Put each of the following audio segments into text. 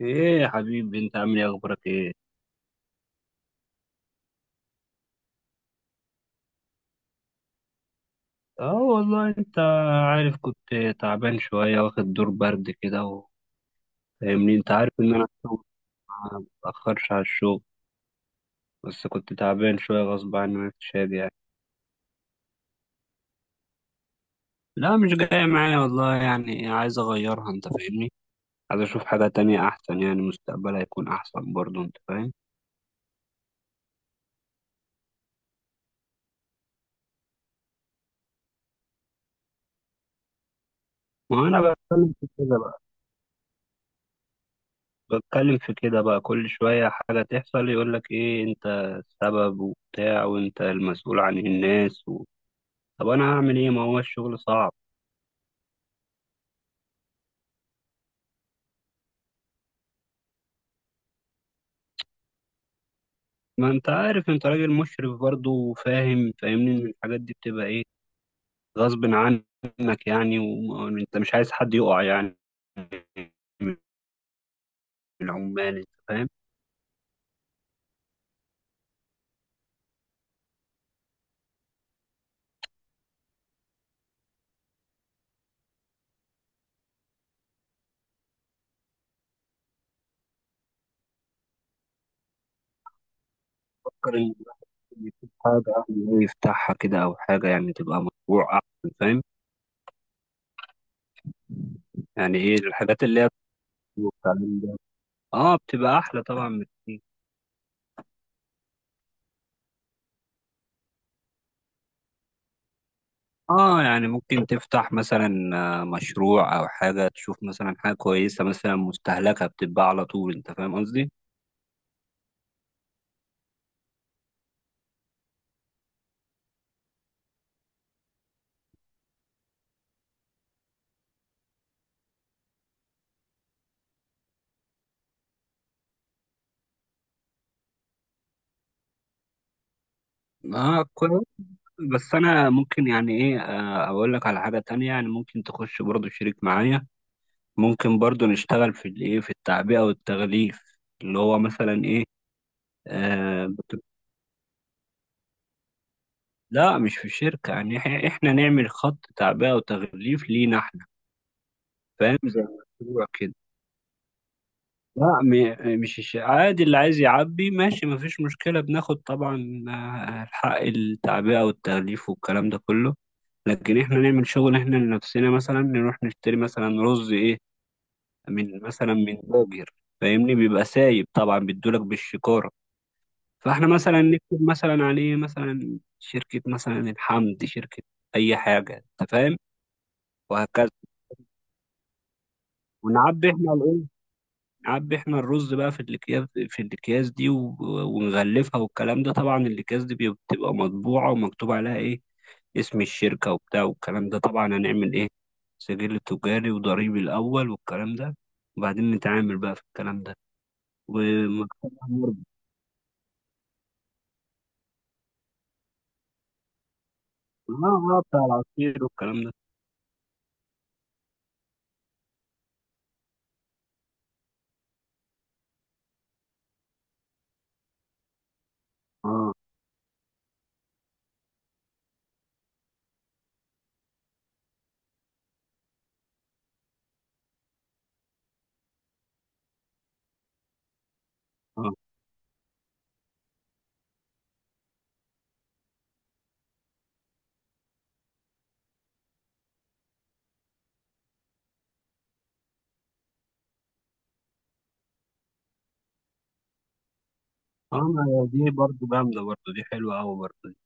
ايه يا حبيبي، انت عامل ايه، اخبارك ايه؟ اه والله، انت عارف كنت تعبان شوية، واخد دور برد كده فاهمني، انت عارف ان انا الشغل ما بتأخرش على الشغل، بس كنت تعبان شوية غصب عني، مش هاجي يعني. لا مش جاية معايا والله، يعني عايز اغيرها، انت فاهمني، عايز اشوف حاجة تانية احسن، يعني مستقبلها هيكون احسن برضه، انت فاهم. ما انا بتكلم في كده بقى، بتكلم في كده بقى، كل شوية حاجة تحصل يقولك إيه أنت السبب وبتاع، وأنت المسؤول عن الناس طب أنا هعمل إيه، ما هو الشغل صعب. ما أنت عارف، أنت راجل مشرف برضه وفاهم، فاهمني إن الحاجات دي بتبقى إيه، غصب عنك يعني، وأنت مش عايز حد يقع يعني من العمال، أنت فاهم. فكر إن الواحد يشوف حاجة يعني يفتحها كده، أو حاجة يعني تبقى مشروع أحسن، فاهم؟ يعني إيه الحاجات اللي هي، اه بتبقى احلى طبعا بكتير. اه يعني ممكن تفتح مثلا آه، مشروع او حاجه تشوف مثلا حاجه كويسه، مثلا مستهلكه بتتباع على طول، انت فاهم قصدي. اه كويس. بس انا ممكن يعني ايه آه، اقول لك على حاجه تانية، يعني ممكن تخش برضو شريك معايا، ممكن برضو نشتغل في الايه، في التعبئه والتغليف، اللي هو مثلا ايه. آه بت- لا مش في الشركه، يعني احنا نعمل خط تعبئه وتغليف لينا احنا، فاهم؟ زي مشروع كده. لا مش عادي، اللي عايز يعبي ماشي مفيش مشكلة، بناخد طبعا آه، حق التعبئة والتغليف والكلام ده كله، لكن احنا نعمل شغل احنا لنفسنا. مثلا نروح نشتري مثلا رز ايه، من مثلا من باجر، فاهمني بيبقى سايب طبعا، بيدولك بالشكارة. فاحنا مثلا نكتب مثلا عليه مثلا شركة مثلا الحمد، شركة أي حاجة، أنت فاهم، وهكذا. ونعبي احنا، عبي احنا الرز بقى في الاكياس، في الاكياس دي ونغلفها والكلام ده، طبعا الاكياس دي بتبقى مطبوعه ومكتوب عليها ايه، اسم الشركه وبتاع والكلام ده. طبعا هنعمل ايه، سجل تجاري وضريبي الاول والكلام ده، وبعدين نتعامل بقى في الكلام ده ومكتبها مربى. اه اه بتاع العصير والكلام ده. اه اه اه. ما هي دي برضو جامده برضو دي، حلوه قوي برضو دي.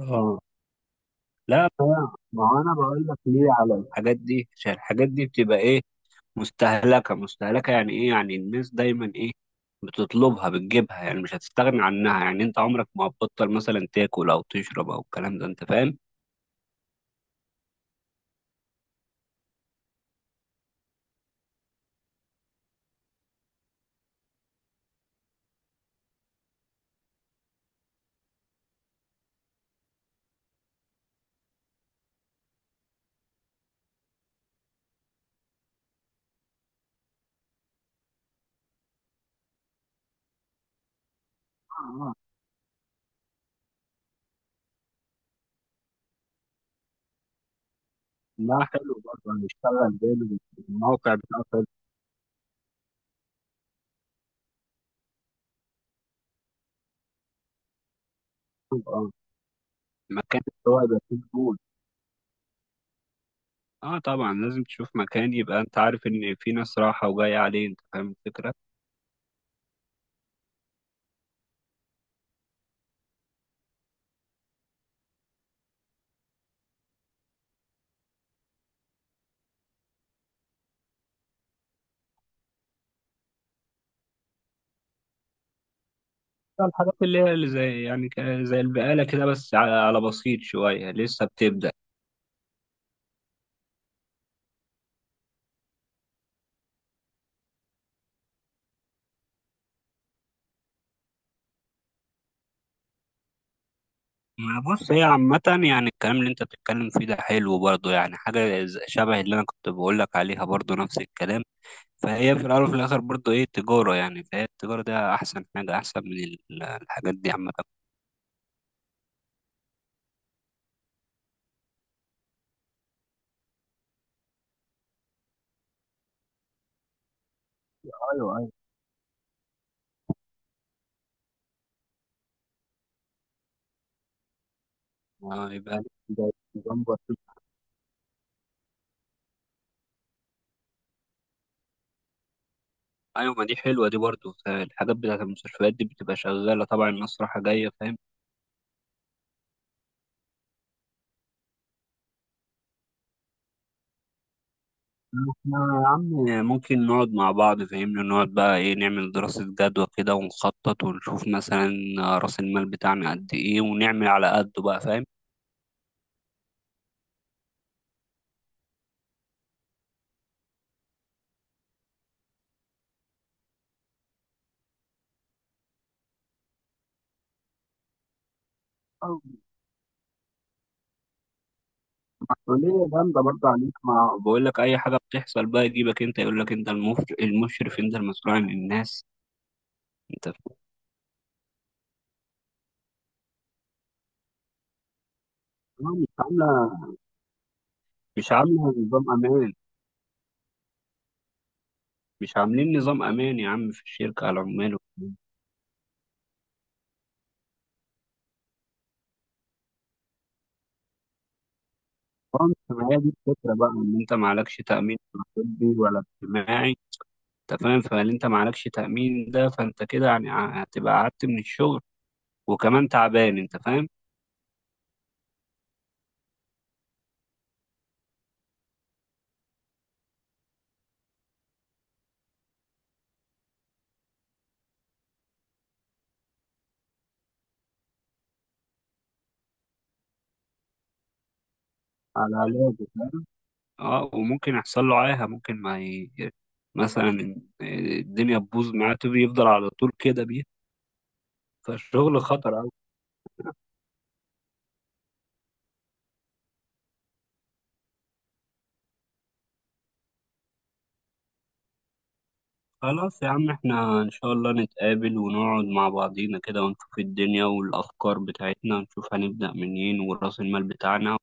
اه، لا ما هو انا بقول لك ليه على الحاجات دي، عشان الحاجات دي بتبقى ايه، مستهلكة مستهلكة. يعني ايه، يعني الناس دايما ايه، بتطلبها بتجيبها، يعني مش هتستغني عنها، يعني انت عمرك ما هتبطل مثلا تاكل او تشرب او الكلام ده، انت فاهم. آه. لا حلو برضه، هنشتغل جامد. الموقع بتاع فيسبوك، اه، مكان. هو يبقى فيه قبول. اه طبعا، لازم تشوف مكان يبقى انت عارف ان في ناس رايحة وجاية عليه، انت فاهم الفكرة. الحاجات اللي هي اللي زي يعني زي البقالة كده، بس على على بسيط شوية لسه بتبدأ. ما بص، هي عامة، يعني الكلام اللي انت بتتكلم فيه ده حلو برضه، يعني حاجة شبه اللي انا كنت بقولك عليها برضه، نفس الكلام. فهي في الأول وفي الآخر برضه ايه، تجارة يعني. فهي التجارة ده أحسن حاجة، أحسن من الحاجات دي عامة. ايوه ايوه. آه، يبقى لك زي نظام بسيط. ايوه، ما دي حلوة دي برضه. الحاجات بتاعت المستشفيات دي بتبقى شغالة طبعا، الناس رايحة جاية، فاهم؟ إحنا يا عم ممكن نقعد مع بعض، فاهمني، نقعد بقى ايه، نعمل دراسة جدوى كده ونخطط، ونشوف مثلا رأس المال بتاعنا قد ايه، ونعمل على قده بقى، فاهم؟ أو مسؤولية جامدة برضه عليك، ما بقول لك أي حاجة بتحصل بقى يجيبك أنت، يقول لك أنت المشرف، المشرف أنت المسؤول عن الناس. أنت فاهم؟ آه، مش عاملة، مش عاملة نظام أمان. مش عاملين نظام أمان يا عم في الشركة على عماله. آه، ما هي دي الفكرة بقى، إن أنت معلكش تأمين لا طبي ولا اجتماعي. تمام، فان انت معلكش تامين ده، فانت كده يعني هتبقى قعدت من الشغل وكمان تعبان، انت فاهم. على علاجه، فاهم. اه وممكن يحصل له عاهه، ممكن ما ي... مثلا الدنيا تبوظ معاه، تبي يفضل على طول كده بيه. فالشغل خطر أوي. خلاص يا عم، احنا ان شاء الله نتقابل ونقعد مع بعضينا كده، ونشوف الدنيا والافكار بتاعتنا، ونشوف هنبدأ منين وراس المال بتاعنا.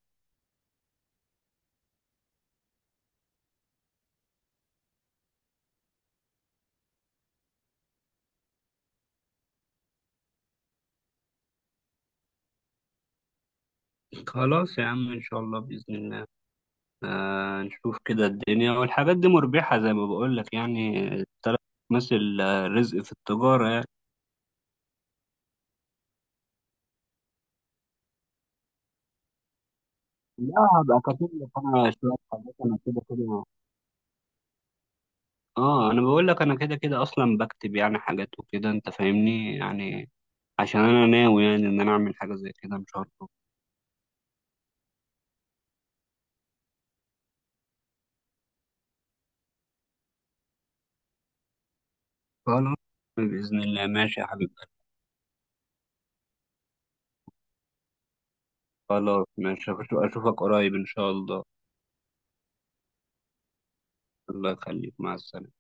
خلاص يا عم، ان شاء الله بإذن الله. آه، نشوف كده الدنيا، والحاجات دي مربحة زي ما بقول لك، يعني التلات مثل آه، رزق في التجارة يعني. لا، هبقى كاتب لك انا شوية حاجات، انا كده كده. اه انا بقول لك انا كده كده اصلا بكتب يعني حاجات وكده، انت فاهمني يعني، عشان انا ناوي يعني ان انا اعمل حاجة زي كده ان شاء الله. خلاص بإذن الله، ماشي يا حبيبي. خلاص ماشي، اشوفك قريب ان شاء الله. الله يخليك، مع السلامة.